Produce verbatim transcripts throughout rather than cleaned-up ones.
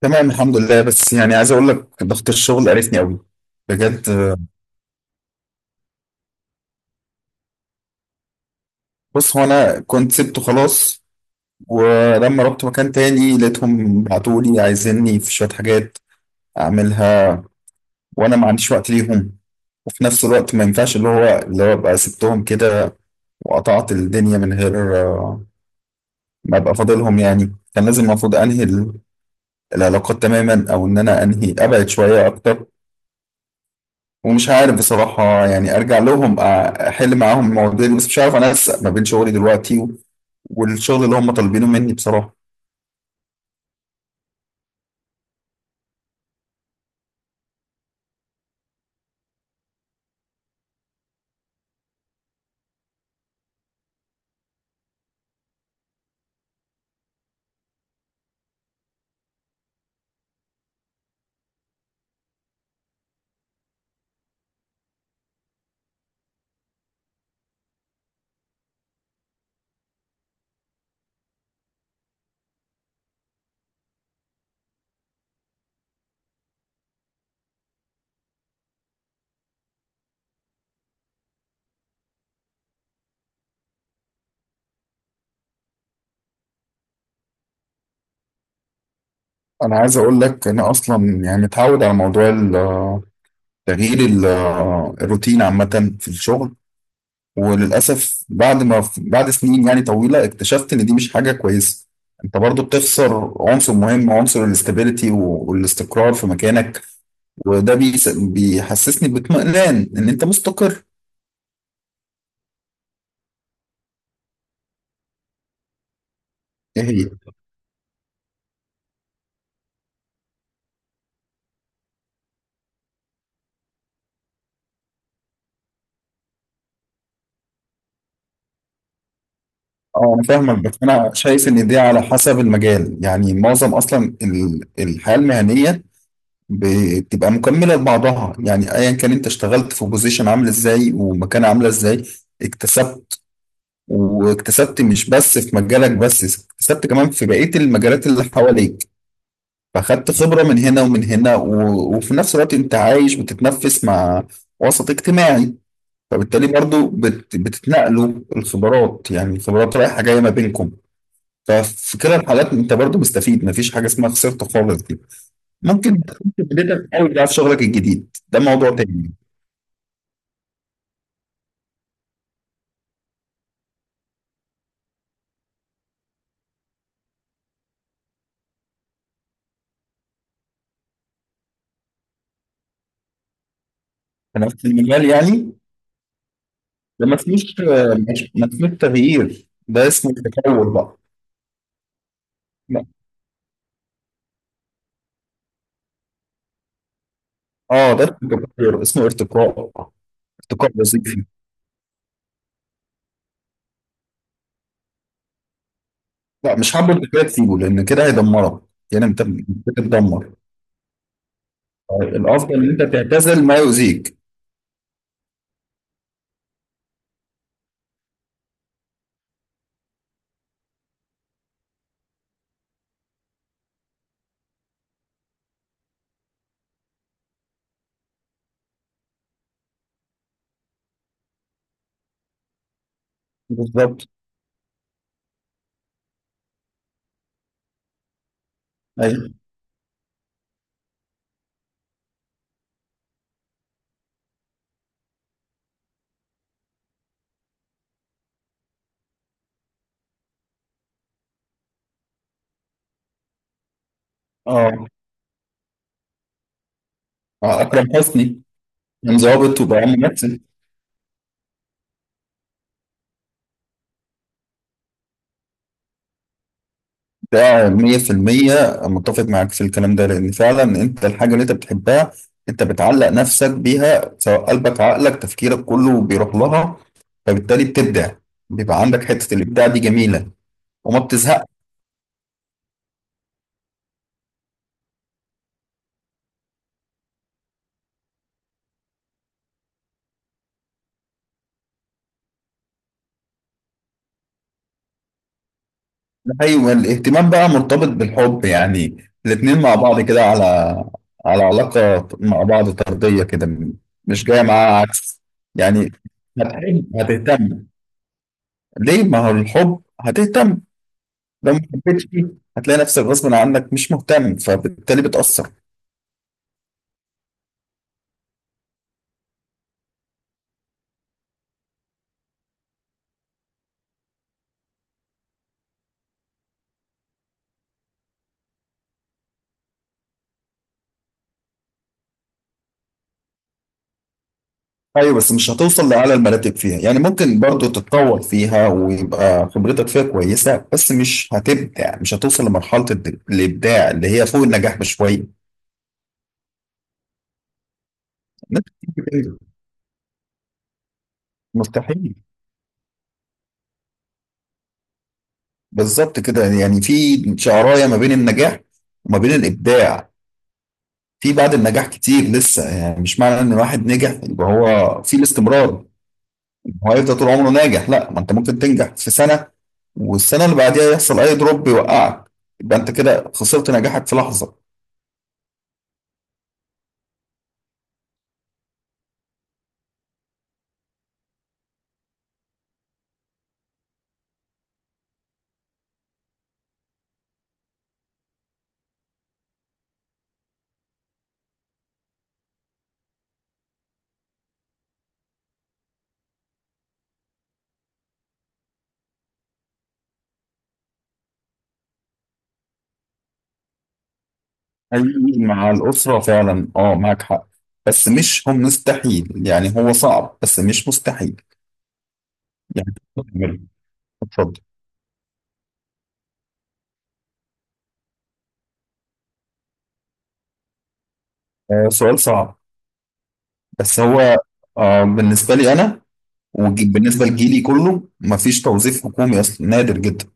تمام، الحمد لله. بس يعني عايز اقول لك ضغط الشغل قرفني قوي بجد آه، بص، هو انا كنت سبته خلاص، ولما رحت مكان تاني لقيتهم بعتولي عايزيني في شوية حاجات اعملها، وانا ما عنديش وقت ليهم. وفي نفس الوقت ما ينفعش اللي هو اللي هو ابقى سبتهم كده وقطعت الدنيا من غير آه، ما ابقى فاضلهم. يعني كان لازم، المفروض انهي ال- العلاقات تماما، او ان انا انهي ابعد شوية اكتر. ومش عارف بصراحة، يعني أرجع لهم أ- أحل معاهم المواضيع دي، بس مش عارف أنسق ما بين شغلي دلوقتي و- والشغل اللي هم طالبينه مني بصراحة. أنا عايز أقول لك، أنا أصلا يعني متعود على موضوع ال- تغيير ال- الروتين عامة في الشغل. وللأسف بعد ما بعد سنين يعني طويلة اكتشفت إن دي مش حاجة كويسة. أنت برضو بتخسر عنصر مهم، عنصر الاستابيليتي والاستقرار في مكانك. وده بيس- بيحسسني باطمئنان إن أنت مستقر. اه انا فاهمك، بس انا شايف ان دي على حسب المجال. يعني معظم اصلا ال- الحياه المهنيه بتبقى مكمله لبعضها. يعني ايا كان انت اشتغلت في بوزيشن عامل ازاي ومكانه عامله ازاي، اكتسبت، واكتسبت مش بس في مجالك، بس اكتسبت كمان في بقيه المجالات اللي حواليك. فاخدت خبره من هنا ومن هنا و... وفي نفس الوقت انت عايش بتتنفس مع وسط اجتماعي. فبالتالي برضو بت... بتتنقلوا الخبرات. يعني الخبرات رايحه جايه ما بينكم. ففي كلا الحالات انت برضو مستفيد، مفيش حاجه اسمها خسرت خالص. دي ممكن تكون في بدايتك قوي بقى في شغلك الجديد، ده موضوع تاني. في نفس المجال يعني. ده ما اسموش ما اسموش تغيير، ده اسمه تطور بقى. لا. اه، ده اسمه تطور، اسمه ارتقاء. ارتقاء وظيفي. لا مش حابب الارتقاء تسيبه، لان كده هيدمرك. يعني انت بتتدمر. الافضل ان انت تعتزل ما يؤذيك. بالظبط. ايوه. اه. آه، اكرم حسني. كان ظابط وبقى ممثل. ده مية في المية متفق معاك في الكلام ده، لأن فعلا أنت الحاجة اللي أنت بتحبها أنت بتعلق نفسك بيها، سواء قلبك عقلك تفكيرك كله بيروح لها. فبالتالي بتبدع، بيبقى عندك حتة الإبداع دي جميلة وما بتزهقش. أيوة. الاهتمام بقى مرتبط بالحب يعني، الاتنين مع بعض كده، على على علاقة مع بعض طردية كده، مش جاية معاها عكس. يعني هتحب هتهتم. ليه؟ ما هو الحب هتهتم، لو ما حبيتش فيه هتلاقي نفسك غصب عنك مش مهتم، فبالتالي بتأثر. ايوه بس مش هتوصل لأعلى المراتب فيها. يعني ممكن برضو تتطور فيها، ويبقى خبرتك فيها كويسة، بس مش هتبدع، مش هتوصل لمرحلة الد- الإبداع اللي هي فوق النجاح بشوية. الناس كتير كده. مستحيل. بالظبط كده. يعني في شعراية ما بين النجاح وما بين الإبداع. في بعد النجاح كتير لسه. يعني مش معنى ان الواحد نجح يبقى هو في الاستمرار، هو هيفضل طول عمره ناجح. لا، ما انت ممكن تنجح في سنة والسنة اللي بعديها يحصل أي دروب يوقعك، يبقى أنت كده خسرت نجاحك في لحظة. حقيقي، مع الأسرة فعلا أه معاك حق. بس مش هم مستحيل، يعني هو صعب بس مش مستحيل، يعني تقدر تعمله. اتفضل. آه، سؤال صعب. بس هو آه بالنسبة لي أنا وبالنسبة لجيلي كله مفيش توظيف حكومي أصلا، نادر جدا.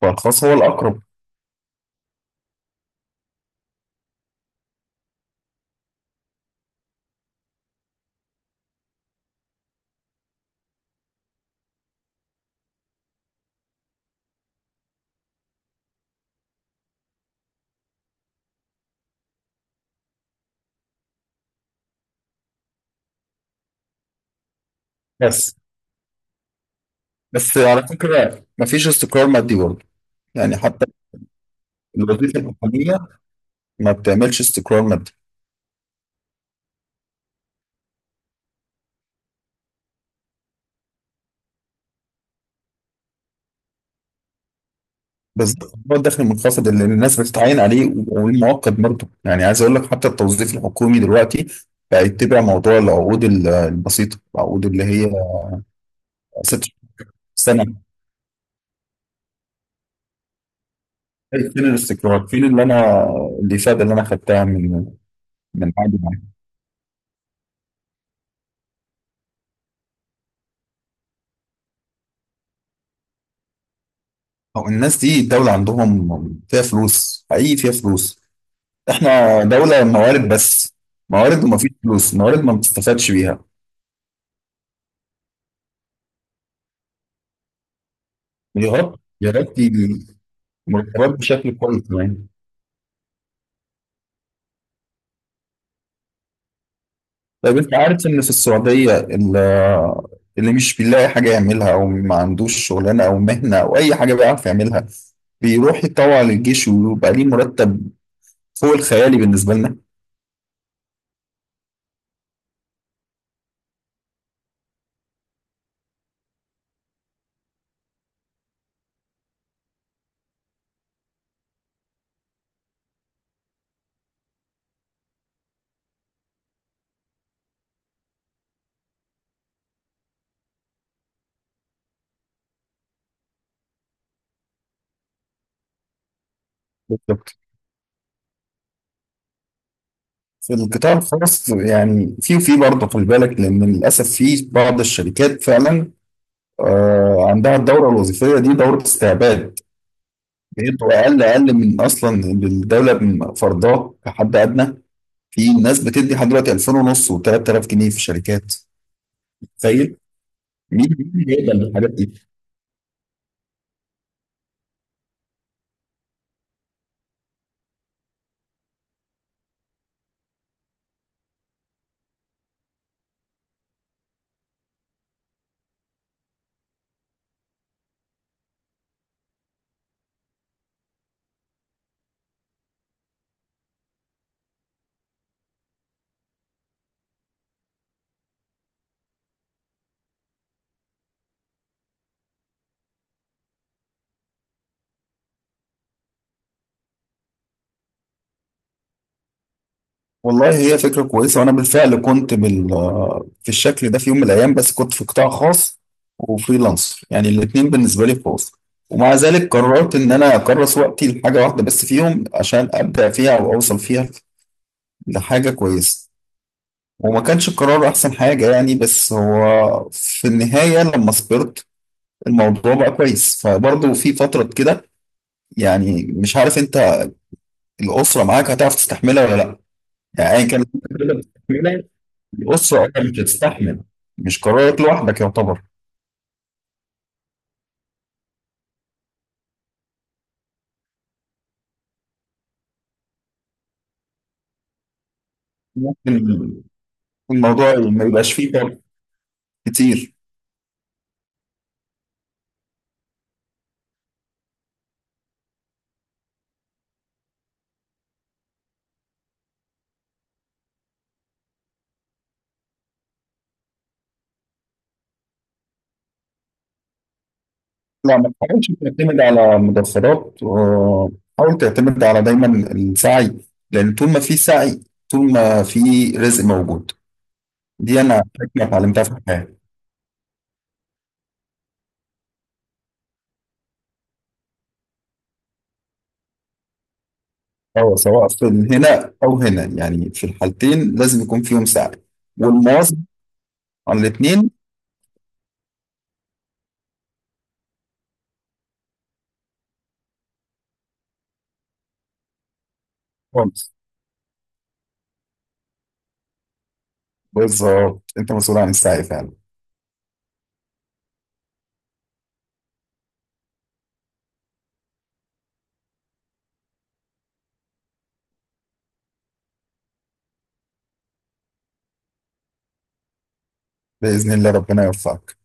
فالخاص هو الأقرب. بس بس على فكرة مفيش استقرار مادي برضه. يعني حتى الوظيفة الحكومية ما بتعملش استقرار مادي. بس هو الدخل المنخفض اللي الناس بتتعين عليه والمؤقت برضه. يعني عايز اقول لك حتى التوظيف الحكومي دلوقتي بقى يتبع موضوع العقود ال- البسيطه، العقود اللي هي ست شهور، سنه إيه، فين الاستقرار؟ فين اللي انا الافاده اللي انا خدتها من من عادي معايا؟ او الناس دي الدوله عندهم فيها فلوس، حقيقي فيها فلوس. احنا دوله موارد بس، موارد وما فيش فلوس، موارد ما بتستفادش بيها. يا رب يا رب يجي مرتبات بشكل كويس يعني. طيب انت عارف ان في السعودية، ال- اللي مش بيلاقي حاجة يعملها او ما عندوش شغلانة او مهنة او اي حاجة بيعرف يعملها، بيروح يتطوع للجيش ويبقى ليه مرتب فوق الخيالي بالنسبة لنا. بالظبط. في القطاع الخاص، يعني في وفي برضه خلي بالك، لان للاسف في بعض الشركات فعلا آه، عندها الدورة الوظيفية دي دورة استعباد. بيدوا اقل، اقل من اصلا الدولة من فرضاه كحد ادنى. في ناس بتدي لحد دلوقتي ألفين ونص و3000 جنيه في الشركات. تخيل. مين مين هيقبل بالحاجات دي؟ والله هي فكره كويسه، وانا بالفعل كنت بال في الشكل ده في يوم من الايام، بس كنت في قطاع خاص وفريلانسر، يعني الاثنين بالنسبه لي خاص. ومع ذلك قررت ان انا اكرس وقتي لحاجه واحده بس فيهم عشان ابدع فيها او اوصل فيها لحاجه كويسه. وما كانش القرار احسن حاجه يعني، بس هو في النهايه لما صبرت الموضوع بقى كويس. فبرضه في فتره كده، يعني مش عارف انت الاسره معاك هتعرف تستحملها ولا لا؟ يعني أيا كان اللي بتستحمله، الأسرة هي اللي بتستحمل، مش قرارك لوحدك يعتبر. ممكن الموضوع ما يبقاش فيه فرق كتير. لا ما تحاولش تعتمد على مدخرات آه، حاول تعتمد على دايما السعي، لأن طول ما في سعي، طول ما في رزق موجود. دي أنا حكمة اتعلمتها في الحياة. أو سواء في هنا أو هنا، يعني في الحالتين لازم يكون فيهم سعي والمواظبة على الاتنين. خالص. بالظبط، أنت مسؤول عن السعي فعلا. بإذن الله ربنا يوفقك.